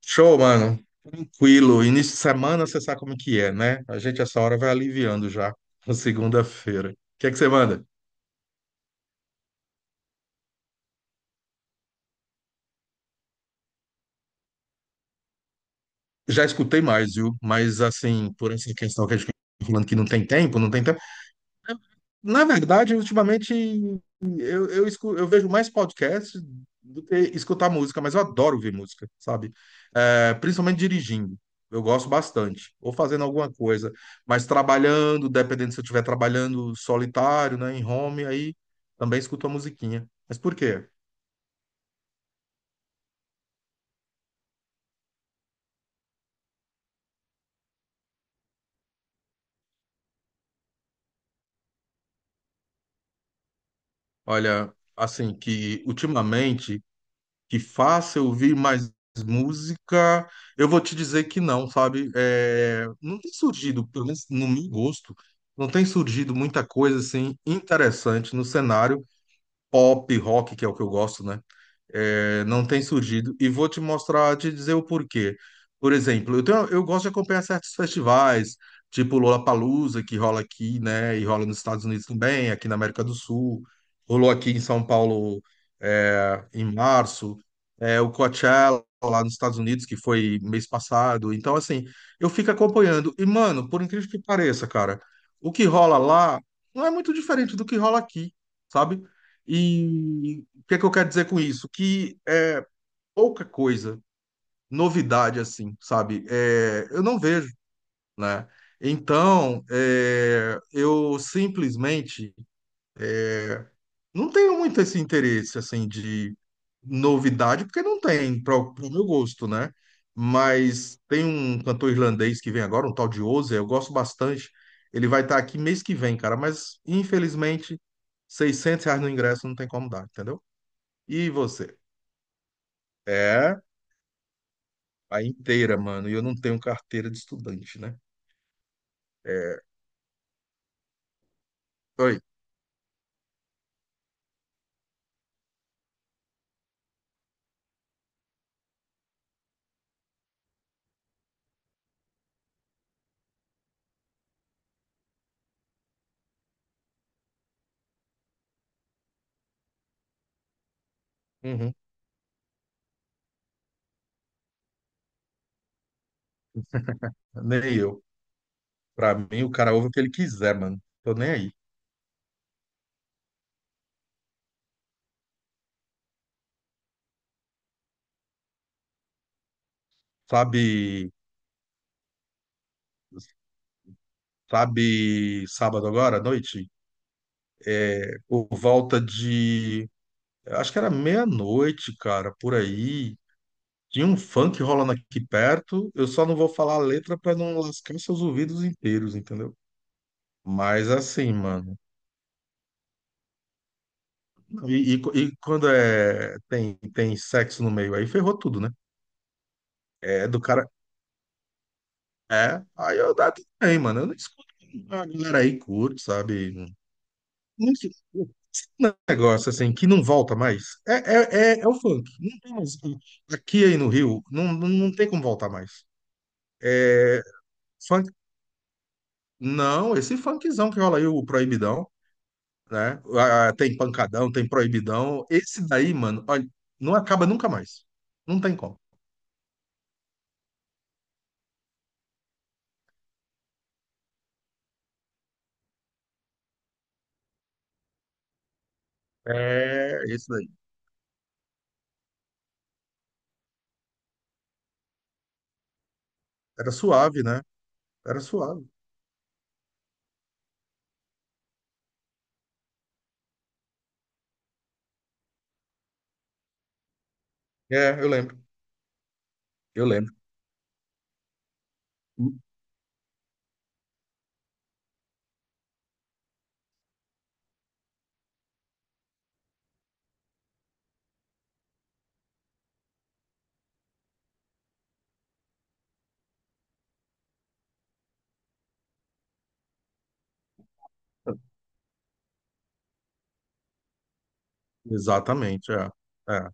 Show, mano. Tranquilo. Início de semana, você sabe como é que é, né? A gente essa hora vai aliviando já na segunda-feira. O que é que você manda? Já escutei mais, viu? Mas assim, por essa questão que a gente fica falando que não tem tempo, não tem tempo. Na verdade, ultimamente eu vejo mais podcast do que escutar música, mas eu adoro ouvir música, sabe? É, principalmente dirigindo. Eu gosto bastante. Ou fazendo alguma coisa. Mas trabalhando, dependendo se eu estiver trabalhando solitário, né, em home, aí também escuto a musiquinha. Mas por quê? Olha, assim, que ultimamente que faça eu ouvir mais música, eu vou te dizer que não, sabe? É, não tem surgido, pelo menos no meu gosto, não tem surgido muita coisa assim interessante no cenário pop, rock, que é o que eu gosto, né? É, não tem surgido. E vou te mostrar, te dizer o porquê. Por exemplo, eu gosto de acompanhar certos festivais, tipo Lollapalooza, que rola aqui, né? E rola nos Estados Unidos também, aqui na América do Sul. Rolou aqui em São Paulo, é, em março. É, o Coachella lá nos Estados Unidos, que foi mês passado. Então, assim, eu fico acompanhando. E, mano, por incrível que pareça, cara, o que rola lá não é muito diferente do que rola aqui, sabe? E o que é que eu quero dizer com isso? Que é pouca coisa, novidade assim, sabe? É, eu não vejo, né? Então, é, eu simplesmente não tenho muito esse interesse assim de novidade, porque não tem, para o meu gosto, né? Mas tem um cantor irlandês que vem agora, um tal de Ozzy, eu gosto bastante. Ele vai estar aqui mês que vem, cara, mas infelizmente, R$ 600 no ingresso não tem como dar, entendeu? E você? É, a inteira, mano. E eu não tenho carteira de estudante, né? Oi. Uhum. Nem eu. Pra mim, o cara ouve o que ele quiser, mano. Tô nem aí. Sabe, sabe, sábado agora, à noite? Por volta de. Acho que era meia-noite, cara, por aí. Tinha um funk rolando aqui perto. Eu só não vou falar a letra pra não lascar seus ouvidos inteiros, entendeu? Mas assim, mano. E, e- e quando é tem sexo no meio aí, ferrou tudo, né? É do cara, é, aí eu dá tudo bem, mano. Eu não escuto a galera aí curto, sabe? Não sei, um negócio assim que não volta mais. É o funk. Não tem mais. Aqui aí no Rio, não tem como voltar mais. É, funk. Não, esse funkzão que rola aí, o Proibidão, né? Ah, tem pancadão, tem proibidão. Esse daí, mano, olha, não acaba nunca mais. Não tem como. É, esse daí. Era suave, né? Era suave. É, eu lembro. Eu lembro. Exatamente, é. É.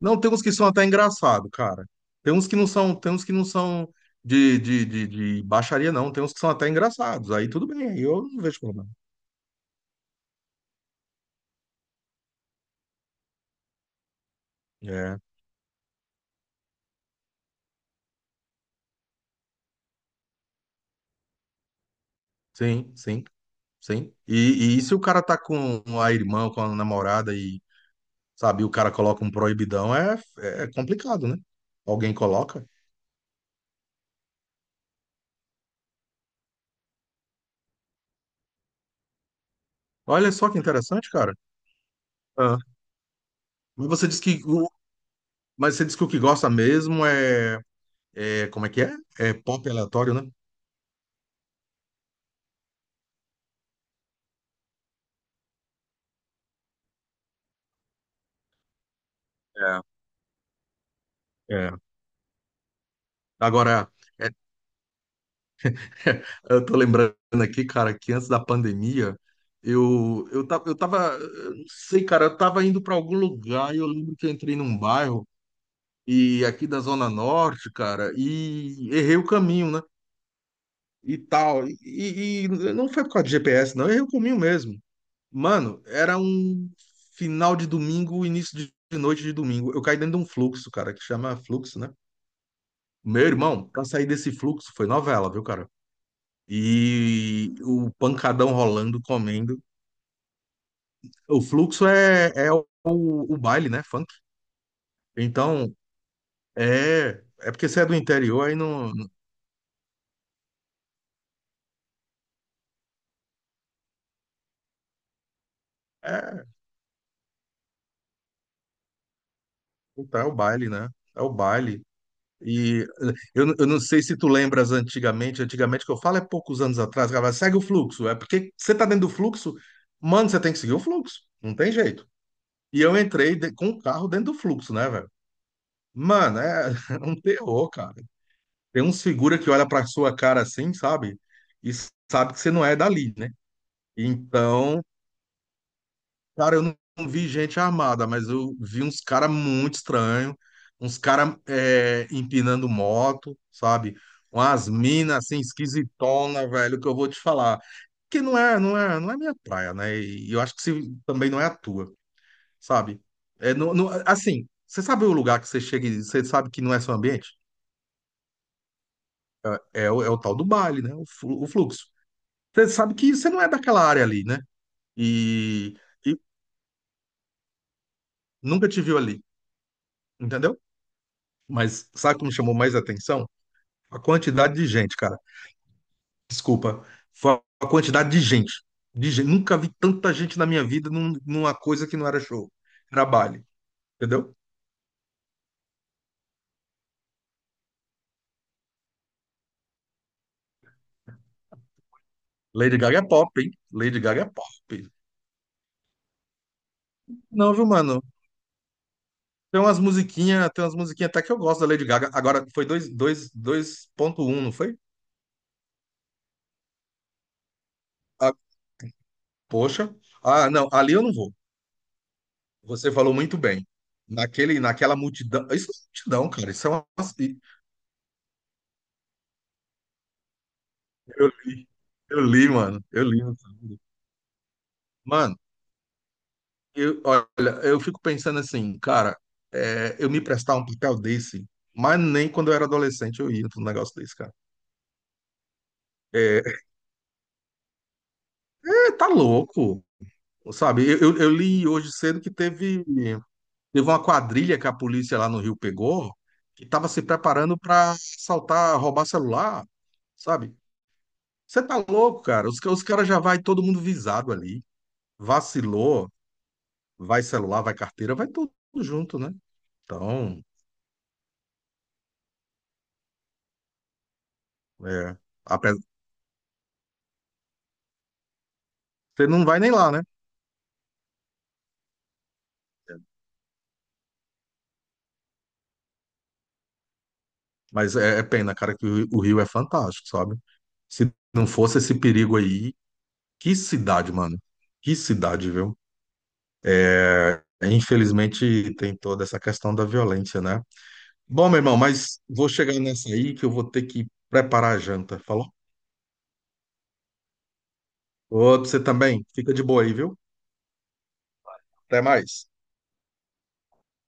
Não, tem uns que são até engraçado, cara. Tem uns que não são, tem uns que não são de baixaria, não. Tem uns que são até engraçados. Aí tudo bem, aí eu não vejo problema. É, sim, sim, sim. E se o cara tá com a irmã, com a namorada e, sabe, o cara coloca um proibidão, é complicado, né? Alguém coloca. Olha só que interessante, cara. Ah. Mas você diz que, o- mas você diz que o que gosta mesmo é, como é que é? É pop aleatório, né? É. Agora, é, eu tô lembrando aqui, cara, que antes da pandemia, eu tava, eu tava, eu não sei, cara, eu tava indo para algum lugar e eu lembro que eu entrei num bairro e aqui da Zona Norte, cara, e errei o caminho, né? E tal. E não foi por causa de GPS, não, eu errei o caminho mesmo. Mano, era um final de domingo, início de noite de domingo. Eu caí dentro de um fluxo, cara, que chama fluxo, né? Meu irmão, pra sair desse fluxo foi novela, viu, cara? E o pancadão rolando, comendo. O fluxo é o baile, né? Funk. Então, é porque você é do interior, aí não. É, puta, é o baile, né? É o baile. E eu não sei se tu lembras antigamente, antigamente que eu falo é poucos anos atrás, cara, segue o fluxo. É porque você tá dentro do fluxo, mano, você tem que seguir o fluxo. Não tem jeito. E eu entrei com o carro dentro do fluxo, né, velho? Mano, é um terror, cara. Tem uns figura que olha pra sua cara assim, sabe? E sabe que você não é dali, né? Então, cara, eu não vi gente armada, mas eu vi uns cara muito estranho, uns cara empinando moto, sabe? Umas minas assim esquisitona, velho, que eu vou te falar. Que não é minha praia, né? E eu acho que também não é a tua, sabe? É, assim, você sabe o lugar que você chega e você sabe que não é seu ambiente? É o tal do baile, né? O fluxo. Você sabe que você não é daquela área ali, né? E, e nunca te viu ali, entendeu? Mas sabe o que me chamou mais atenção? A quantidade de gente, cara. Desculpa. Foi a quantidade de gente. De gente. Nunca vi tanta gente na minha vida numa coisa que não era show. Era baile, entendeu? Lady Gaga é pop, hein? Lady Gaga é pop. Não, viu, mano? Tem umas musiquinhas até que eu gosto da Lady Gaga. Agora, foi 2,1, não foi? Ah, poxa. Ah, não, ali eu não vou. Você falou muito bem. Naquela multidão. Isso não é multidão, cara. Isso é uma. Eu li, eu li, mano. Eu li, mano. Mano, eu, olha, eu fico pensando assim, cara, é, eu me prestar um papel desse, mas nem quando eu era adolescente eu ia pra um negócio desse, cara. É, é, tá louco, sabe? Eu li hoje cedo que teve, uma quadrilha que a polícia lá no Rio pegou, que tava se preparando pra assaltar, roubar celular, sabe? Você tá louco, cara? Os caras já vai todo mundo visado ali. Vacilou, vai celular, vai carteira, vai tudo junto, né? Então, é, apesar, você não vai nem lá, né? Mas é pena, cara, que o Rio é fantástico, sabe? Se não fosse esse perigo aí, que cidade, mano. Que cidade, viu? É, infelizmente tem toda essa questão da violência, né? Bom, meu irmão, mas vou chegar nessa aí que eu vou ter que preparar a janta, falou? Outro, você também. Fica de boa aí, viu? Até mais.